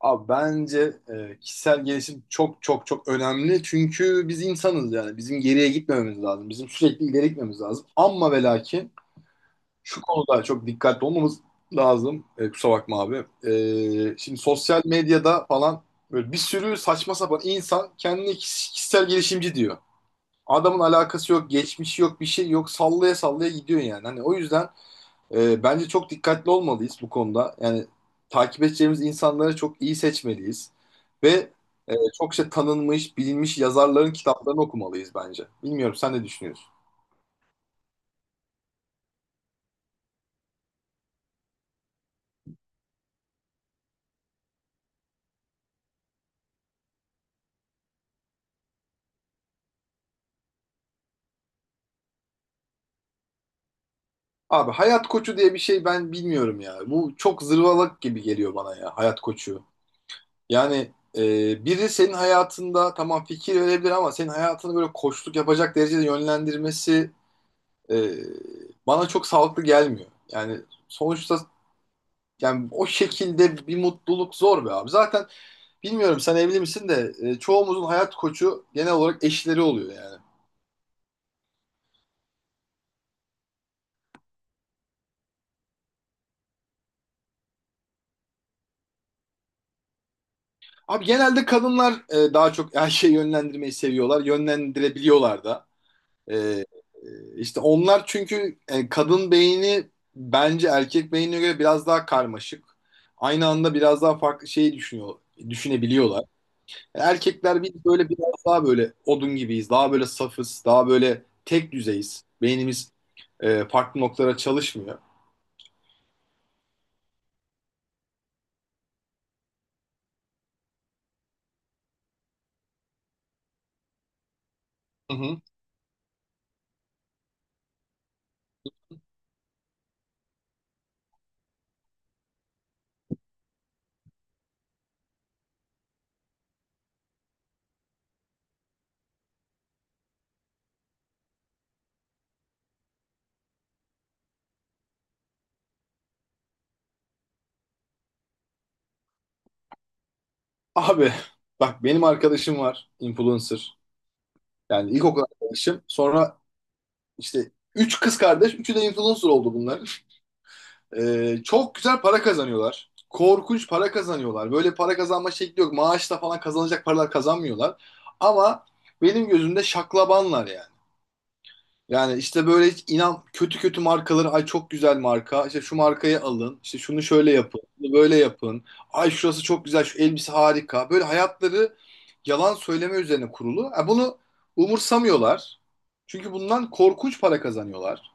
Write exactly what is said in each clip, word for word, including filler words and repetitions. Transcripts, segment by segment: Abi bence e, kişisel gelişim çok çok çok önemli. Çünkü biz insanız yani. Bizim geriye gitmememiz lazım. Bizim sürekli ileri gitmemiz lazım. Ama ve lakin şu konuda çok dikkatli olmamız lazım. E, kusura bakma abi. E, şimdi sosyal medyada falan böyle bir sürü saçma sapan insan kendini kiş- kişisel gelişimci diyor. Adamın alakası yok, geçmişi yok, bir şey yok. Sallaya sallaya gidiyor yani. Hani o yüzden ee, bence çok dikkatli olmalıyız bu konuda. Yani takip edeceğimiz insanları çok iyi seçmeliyiz. Ve e, çokça tanınmış, bilinmiş yazarların kitaplarını okumalıyız bence. Bilmiyorum sen ne düşünüyorsun? Abi hayat koçu diye bir şey ben bilmiyorum ya. Bu çok zırvalık gibi geliyor bana ya hayat koçu. Yani e, biri senin hayatında tamam fikir verebilir ama senin hayatını böyle koçluk yapacak derecede yönlendirmesi e, bana çok sağlıklı gelmiyor. Yani sonuçta yani o şekilde bir mutluluk zor be abi. Zaten bilmiyorum sen evli misin de e, çoğumuzun hayat koçu genel olarak eşleri oluyor yani. Abi genelde kadınlar e, daha çok her şeyi yönlendirmeyi seviyorlar. Yönlendirebiliyorlar da. E, e, işte onlar çünkü e, kadın beyni bence erkek beynine göre biraz daha karmaşık. Aynı anda biraz daha farklı şeyi düşünüyor, düşünebiliyorlar. Erkekler biz böyle biraz daha böyle odun gibiyiz. Daha böyle safız. Daha böyle tek düzeyiz. Beynimiz e, farklı noktalara çalışmıyor. Hı hı. Abi bak benim arkadaşım var. Influencer. Yani ilkokul arkadaşım. Sonra işte üç kız kardeş. Üçü de influencer oldu bunların. Ee, çok güzel para kazanıyorlar. Korkunç para kazanıyorlar. Böyle para kazanma şekli yok. Maaşla falan kazanacak paralar kazanmıyorlar. Ama benim gözümde şaklabanlar yani. Yani işte böyle hiç inan kötü kötü markaları ay çok güzel marka. İşte şu markayı alın. İşte şunu şöyle yapın. Bunu böyle yapın. Ay şurası çok güzel. Şu elbise harika. Böyle hayatları yalan söyleme üzerine kurulu. Ha, bunu umursamıyorlar. Çünkü bundan korkunç para kazanıyorlar.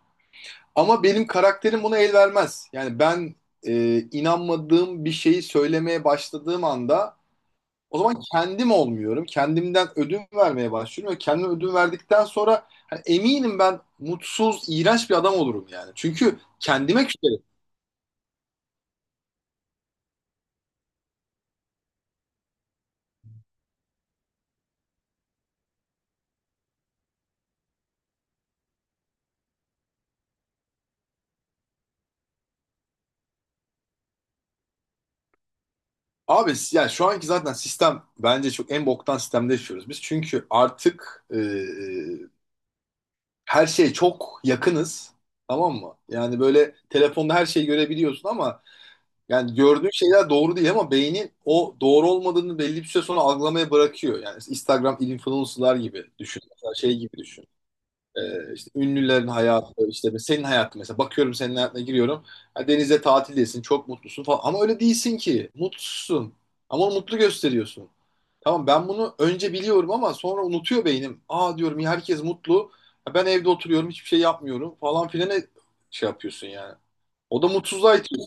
Ama benim karakterim buna el vermez. Yani ben e, inanmadığım bir şeyi söylemeye başladığım anda o zaman kendim olmuyorum. Kendimden ödün vermeye başlıyorum ve kendime ödün verdikten sonra hani eminim ben mutsuz, iğrenç bir adam olurum yani. Çünkü kendime küserim. Abi yani şu anki zaten sistem bence çok en boktan sistemde yaşıyoruz biz. Çünkü artık e, e, her şeye çok yakınız. Tamam mı? Yani böyle telefonda her şeyi görebiliyorsun ama yani gördüğün şeyler doğru değil ama beynin o doğru olmadığını belli bir süre sonra algılamaya bırakıyor. Yani Instagram influencer'lar gibi düşün. Mesela şey gibi düşün. Ee, işte ünlülerin hayatı, işte senin hayatın mesela. Bakıyorum senin hayatına giriyorum. Ha, denize tatildesin, çok mutlusun falan. Ama öyle değilsin ki. Mutsuzsun. Ama onu mutlu gösteriyorsun. Tamam ben bunu önce biliyorum ama sonra unutuyor beynim. Aa diyorum ya herkes mutlu. Ha, ben evde oturuyorum, hiçbir şey yapmıyorum falan filan e, şey yapıyorsun yani. O da mutsuzluğa itiyor.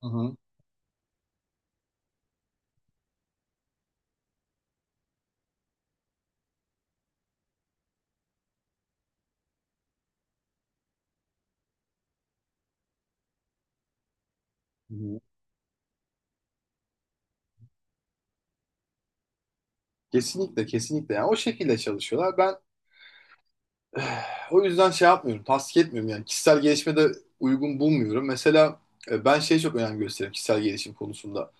Hı hı. Hı hı. Kesinlikle kesinlikle yani o şekilde çalışıyorlar. Ben o yüzden şey yapmıyorum, tasdik etmiyorum yani kişisel gelişime de uygun bulmuyorum. Mesela e, ben şeye çok önem gösteririm kişisel gelişim konusunda.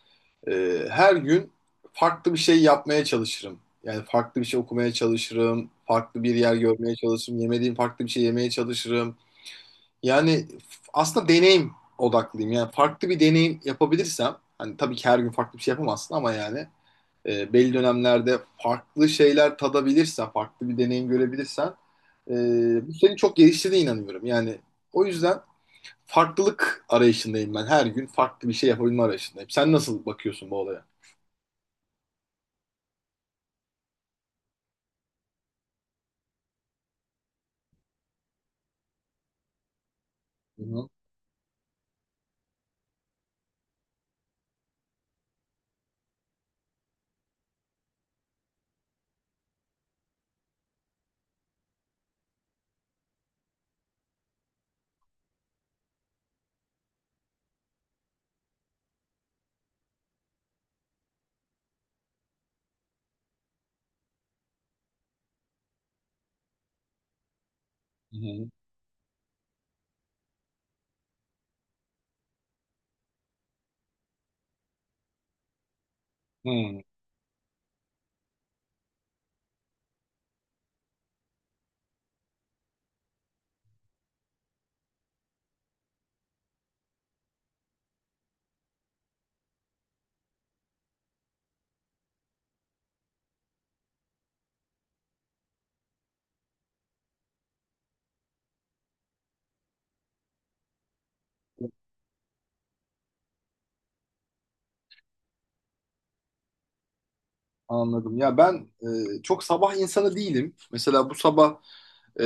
E, Her gün farklı bir şey yapmaya çalışırım. Yani farklı bir şey okumaya çalışırım, farklı bir yer görmeye çalışırım, yemediğim farklı bir şey yemeye çalışırım. Yani f- aslında deneyim odaklıyım. Yani farklı bir deneyim yapabilirsem, hani tabii ki her gün farklı bir şey yapamazsın ama yani e, belli dönemlerde farklı şeyler tadabilirsen, farklı bir deneyim görebilirsen e, bu seni çok geliştirdiğine inanıyorum. Yani o yüzden farklılık arayışındayım ben. Her gün farklı bir şey yapabilme arayışındayım. Sen nasıl bakıyorsun bu olaya? Hı hı. Hı hı. Hı. Anladım. Ya ben e, çok sabah insanı değilim. Mesela bu sabah e,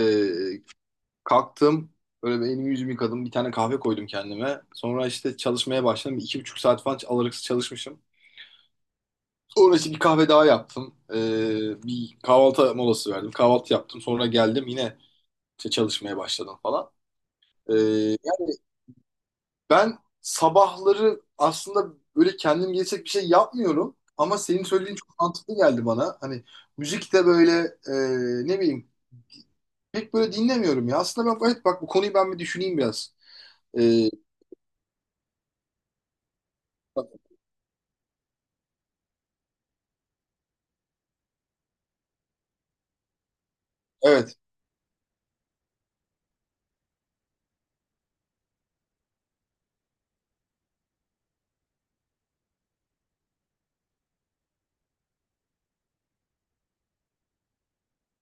kalktım, böyle bir elimi yüzümü yıkadım, bir tane kahve koydum kendime. Sonra işte çalışmaya başladım. Bir İki buçuk saat falan alırsız çalışmışım. Sonra işte bir kahve daha yaptım. Ee, bir kahvaltı molası verdim. Kahvaltı yaptım. Sonra geldim yine işte çalışmaya başladım falan. Ee, Yani ben sabahları aslında böyle kendim gelecek bir şey yapmıyorum. Ama senin söylediğin çok mantıklı geldi bana. Hani müzik de böyle e, ne bileyim pek böyle dinlemiyorum ya. Aslında ben evet bak bu konuyu ben bir düşüneyim biraz. Ee, evet.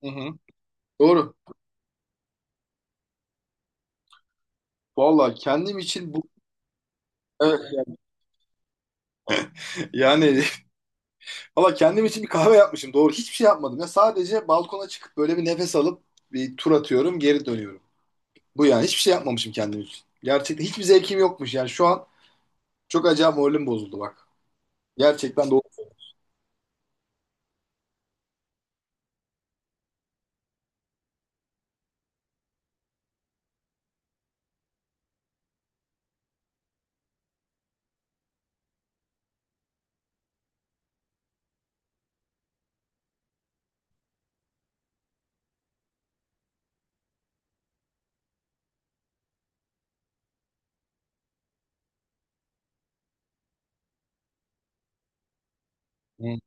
Hı hı. Doğru. Vallahi kendim için bu evet. yani valla kendim için bir kahve yapmışım. Doğru hiçbir şey yapmadım. Ya sadece balkona çıkıp böyle bir nefes alıp bir tur atıyorum, geri dönüyorum. Bu yani hiçbir şey yapmamışım kendim için. Gerçekten hiçbir zevkim yokmuş. Yani şu an çok acayip moralim bozuldu bak. Gerçekten doğru. Hmm.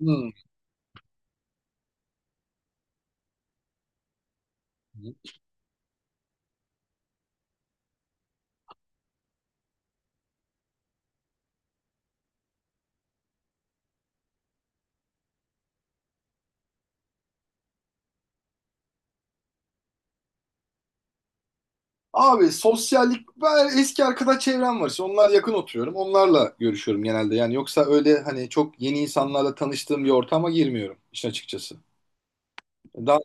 Hmm. Abi sosyallik, ben eski arkadaş çevrem var. İşte onlar yakın oturuyorum. Onlarla görüşüyorum genelde. Yani yoksa öyle hani çok yeni insanlarla tanıştığım bir ortama girmiyorum işin açıkçası. Daha,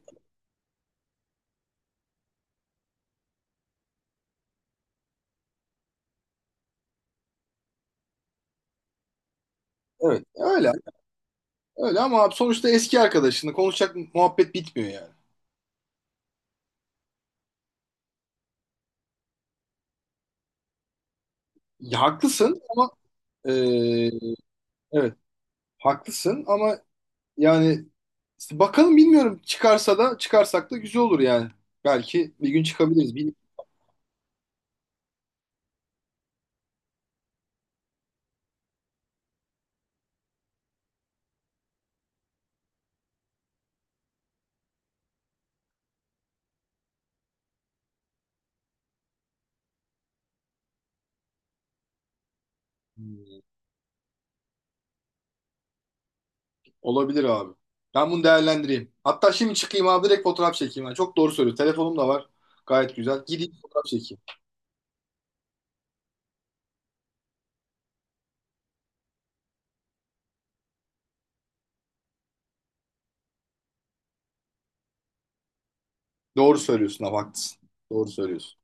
evet öyle öyle ama abi sonuçta eski arkadaşınla konuşacak muhabbet bitmiyor yani. Ya haklısın ama e, evet haklısın ama yani işte bakalım bilmiyorum çıkarsa da çıkarsak da güzel olur yani. Belki bir gün çıkabiliriz. Bil hmm, olabilir abi. Ben bunu değerlendireyim. Hatta şimdi çıkayım abi direkt fotoğraf çekeyim. Yani çok doğru söylüyorsun. Telefonum da var. Gayet güzel. Gideyim fotoğraf çekeyim. Doğru söylüyorsun abi haklısın. Doğru söylüyorsun.